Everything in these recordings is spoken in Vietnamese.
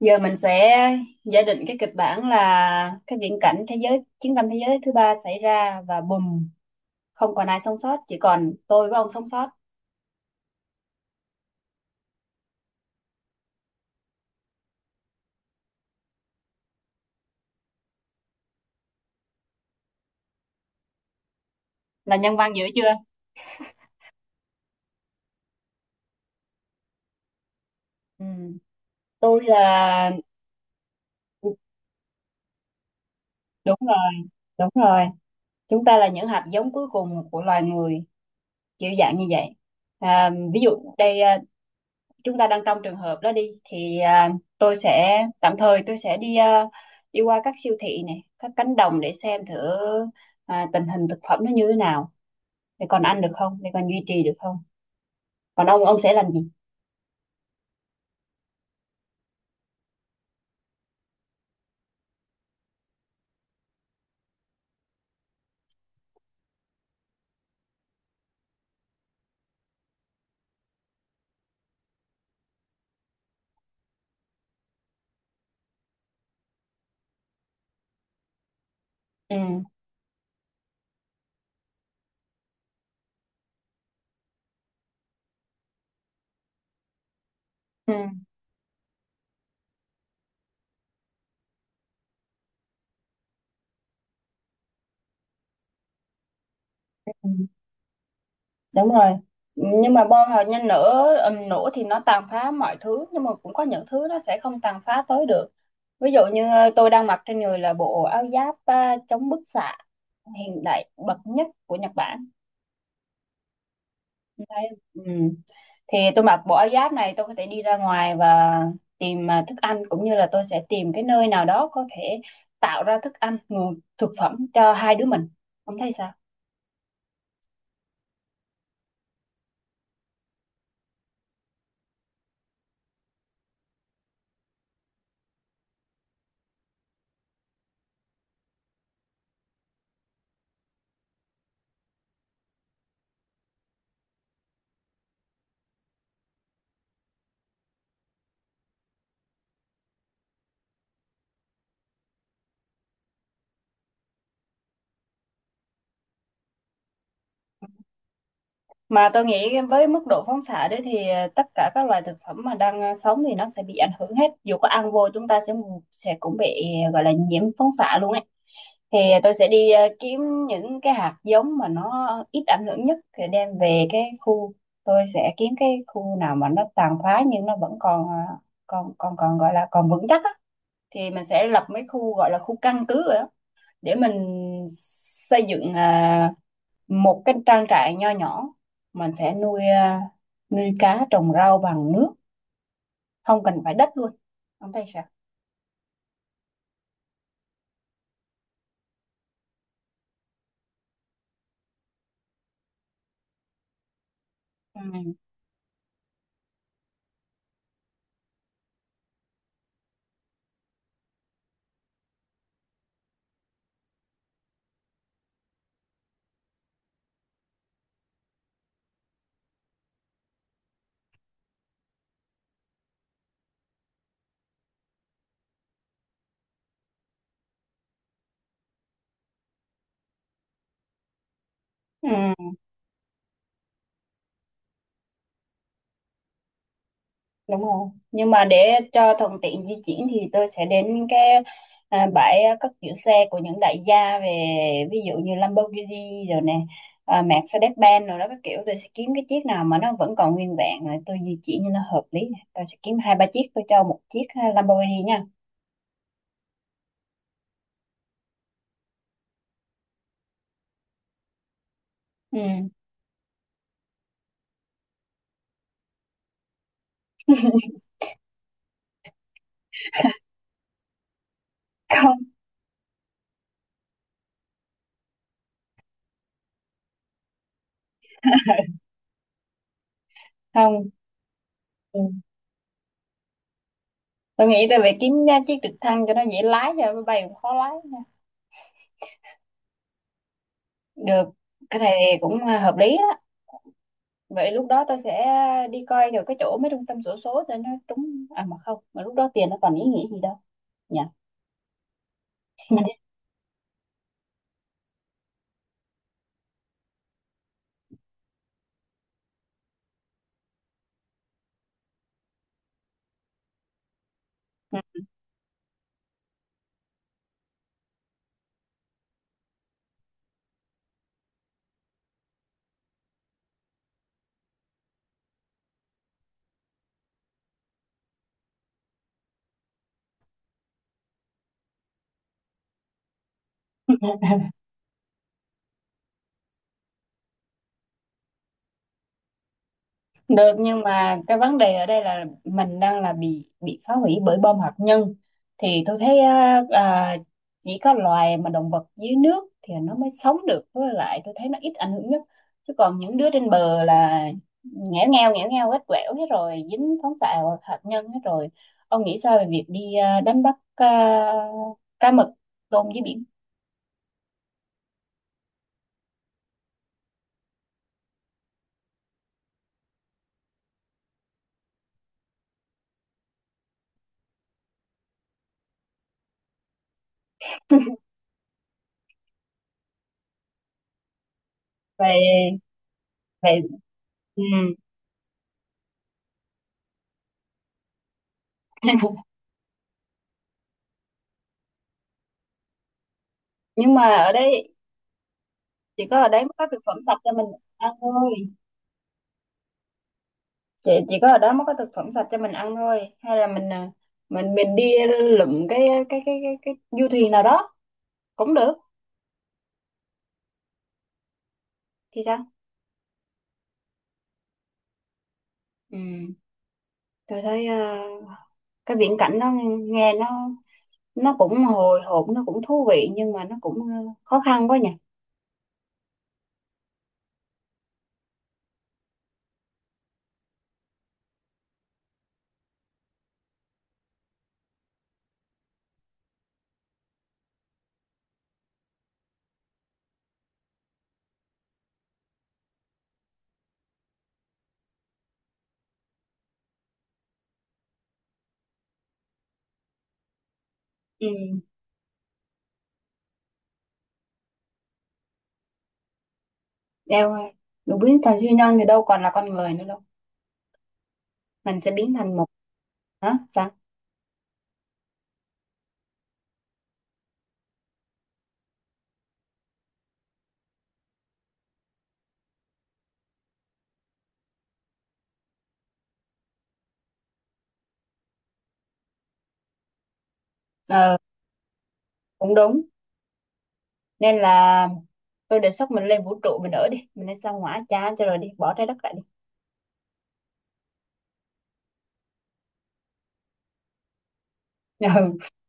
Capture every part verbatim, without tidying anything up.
Giờ mình sẽ giả định cái kịch bản là cái viễn cảnh thế giới chiến tranh thế giới thứ ba xảy ra và bùm, không còn ai sống sót, chỉ còn tôi với ông sống sót. Là nhân văn dữ chưa? Ừ. Tôi là đúng rồi, đúng rồi. Chúng ta là những hạt giống cuối cùng của loài người, kiểu dạng như vậy. À, ví dụ đây à, chúng ta đang trong trường hợp đó đi thì à, tôi sẽ tạm thời tôi sẽ đi à, đi qua các siêu thị này, các cánh đồng để xem thử à, tình hình thực phẩm nó như thế nào, để còn ăn được không, để còn duy trì được không, còn ông ông sẽ làm gì? Ừ. Ừ. Ừ, đúng rồi, nhưng mà bom hạt nhân nổ, ừm, nổ thì nó tàn phá mọi thứ, nhưng mà cũng có những thứ nó sẽ không tàn phá tới được. Ví dụ như ờ, tôi đang mặc trên người là bộ áo giáp à, chống bức xạ hiện đại bậc nhất của Nhật Bản. Đấy. Ừ. Thì tôi mặc bộ áo giáp này, tôi có thể đi ra ngoài và tìm à, thức ăn, cũng như là tôi sẽ tìm cái nơi nào đó có thể tạo ra thức ăn, nguồn thực phẩm cho hai đứa mình. Ông thấy sao? Mà tôi nghĩ với mức độ phóng xạ đấy thì tất cả các loài thực phẩm mà đang ờ, sống thì nó sẽ bị ảnh hưởng hết. Dù có ăn vô, chúng ta sẽ sẽ cũng bị ờ, gọi là nhiễm phóng xạ luôn ấy. Thì tôi sẽ đi ờ, kiếm những cái hạt giống mà nó ít ảnh hưởng nhất thì đem về cái khu, tôi sẽ kiếm cái khu nào mà nó tàn phá nhưng nó vẫn còn ờ, còn còn còn gọi là còn vững chắc á, thì mình sẽ lập mấy khu gọi là khu căn cứ rồi đó, để mình xây dựng à, một cái trang trại nho nhỏ, mình sẽ nuôi à, nuôi cá trồng rau bằng nước, không cần phải đất luôn. Ông thấy sao? Ừ. Ừ, đúng rồi. Nhưng mà để cho thuận tiện di chuyển thì tôi sẽ đến cái à, bãi cất giữ xe của những đại gia, về ví dụ như Lamborghini rồi nè, à, Mercedes-Benz rồi đó các kiểu, tôi sẽ kiếm cái chiếc nào mà nó vẫn còn nguyên vẹn rồi tôi di chuyển cho nó hợp lý nè. Tôi sẽ kiếm hai ba chiếc, tôi cho một chiếc à, Lamborghini nha. Ừ. Không. Không. Ừ. Tôi nghĩ tôi phải kiếm ra chiếc trực thăng cho nó dễ lái, cho máy bay cũng khó lái nha. Được, cái này cũng à, hợp lý đó. Vậy lúc đó tôi sẽ đi coi được cái chỗ mấy trung tâm xổ số cho nó trúng, à mà không, mà lúc đó tiền nó còn ý nghĩa gì đâu nhỉ. Được, nhưng mà cái vấn đề ở đây là mình đang là bị bị phá hủy bởi bom hạt nhân thì tôi thấy á, à, chỉ có loài mà động vật dưới nước thì nó mới sống được, với lại tôi thấy nó ít ảnh hưởng nhất, chứ còn những đứa trên bờ là nghẽo ngeo nghẽo ngeo hết, quẻo hết rồi, dính phóng xạ hạt nhân hết rồi. Ông nghĩ sao về việc đi à, đánh bắt à, cá mực tôm dưới biển? Vậy. Vậy. Ừ. Nhưng mà ở đây chỉ có ở đấy mới có thực phẩm sạch cho mình ăn thôi. Chị chỉ có ở đó mới có thực phẩm sạch cho mình ăn thôi, hay là mình à, mình mình đi lượm cái cái cái cái cái du thuyền nào đó cũng được thì sao? Ừ. Tôi thấy à, cái viễn cảnh nó nghe nó nó cũng hồi hộp, nó cũng thú vị, nhưng mà nó cũng à, khó khăn quá nhỉ. Ừ. Đeo đủ biến thành siêu nhân thì đâu còn là con người nữa đâu. Mình sẽ biến thành một, hả sao? Ờ, cũng đúng. Nên là tôi đề xuất mình lên vũ trụ mình ở đi, mình lên sao Hỏa cha cho rồi đi, bỏ trái đất lại, đi.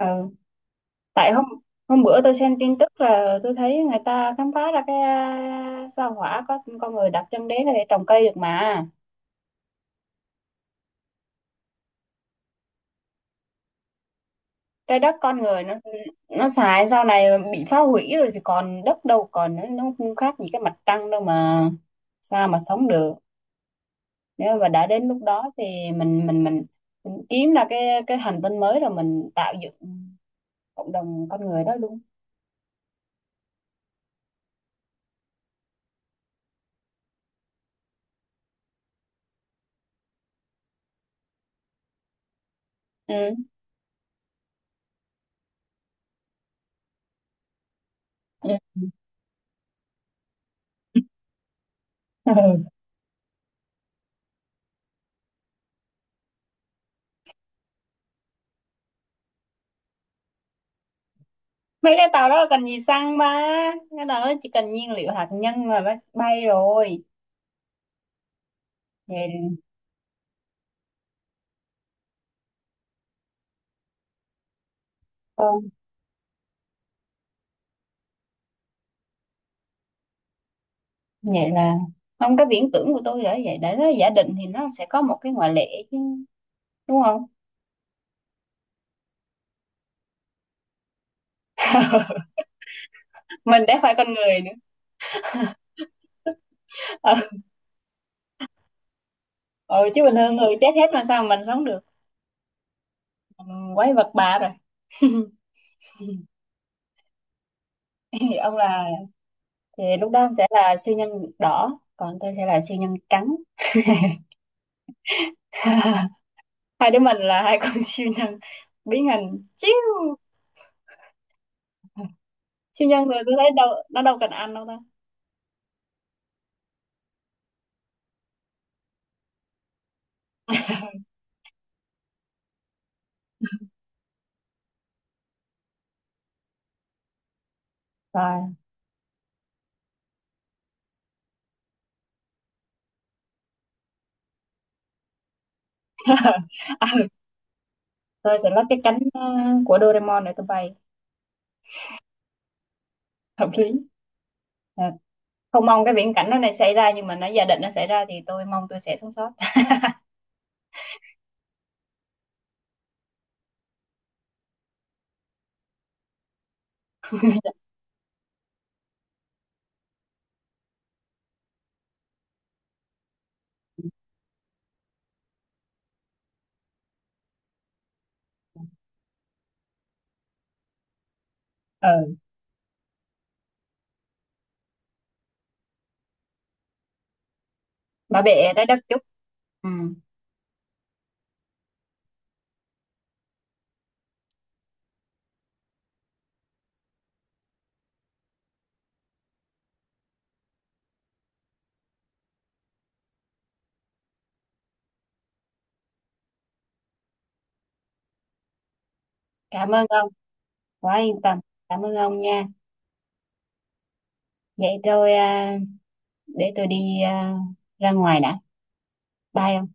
Ừ, tại hôm hôm bữa tôi xem tin tức là tôi thấy người ta khám phá ra cái à, sao Hỏa có con người đặt chân đến là để trồng cây được mà. Trái đất con người nó nó xài sau này bị phá hủy rồi thì còn đất đâu còn, nó nó không khác gì cái mặt trăng đâu mà, sao mà sống được. Nếu mà đã đến lúc đó thì mình mình mình, mình kiếm ra cái cái hành tinh mới rồi mình tạo dựng cộng đồng con người đó luôn. Ừ. Ừ. Mấy cái tàu đó là cần gì xăng ba, cái tàu đó chỉ cần nhiên liệu hạt nhân là nó bay rồi. Vậy. Ừ. Vậy là không, cái viễn tưởng của tôi là vậy, để nó giả định thì nó sẽ có một cái ngoại lệ chứ, đúng không. Mình đã phải con người nữa. Ừ, ừ, chứ bình thường người chết hết mà sao mình sống được. Mình quái vật bà rồi. Thì ông là, thì lúc đó ông sẽ là siêu nhân đỏ, còn tôi sẽ là siêu nhân trắng. Hai đứa mình là hai con siêu nhân biến hình chiếu siêu nhân rồi, tôi thấy đâu nó đâu cần ăn đâu ta. Rồi. À, tôi sẽ lắp cái cánh ờ, của Doraemon để tôi bay. Hợp lý. Ờ, không mong cái viễn cảnh nó này xảy ra, nhưng mà nó giả định nó xảy ra thì tôi mong tôi sẽ sống sót. Ừ, bảo vệ trái đất chút. Ừ. Cảm ơn ông. Quá yên tâm. Cảm ơn ông nha. Vậy tôi à, để tôi đi à, ra ngoài đã. Bye ông.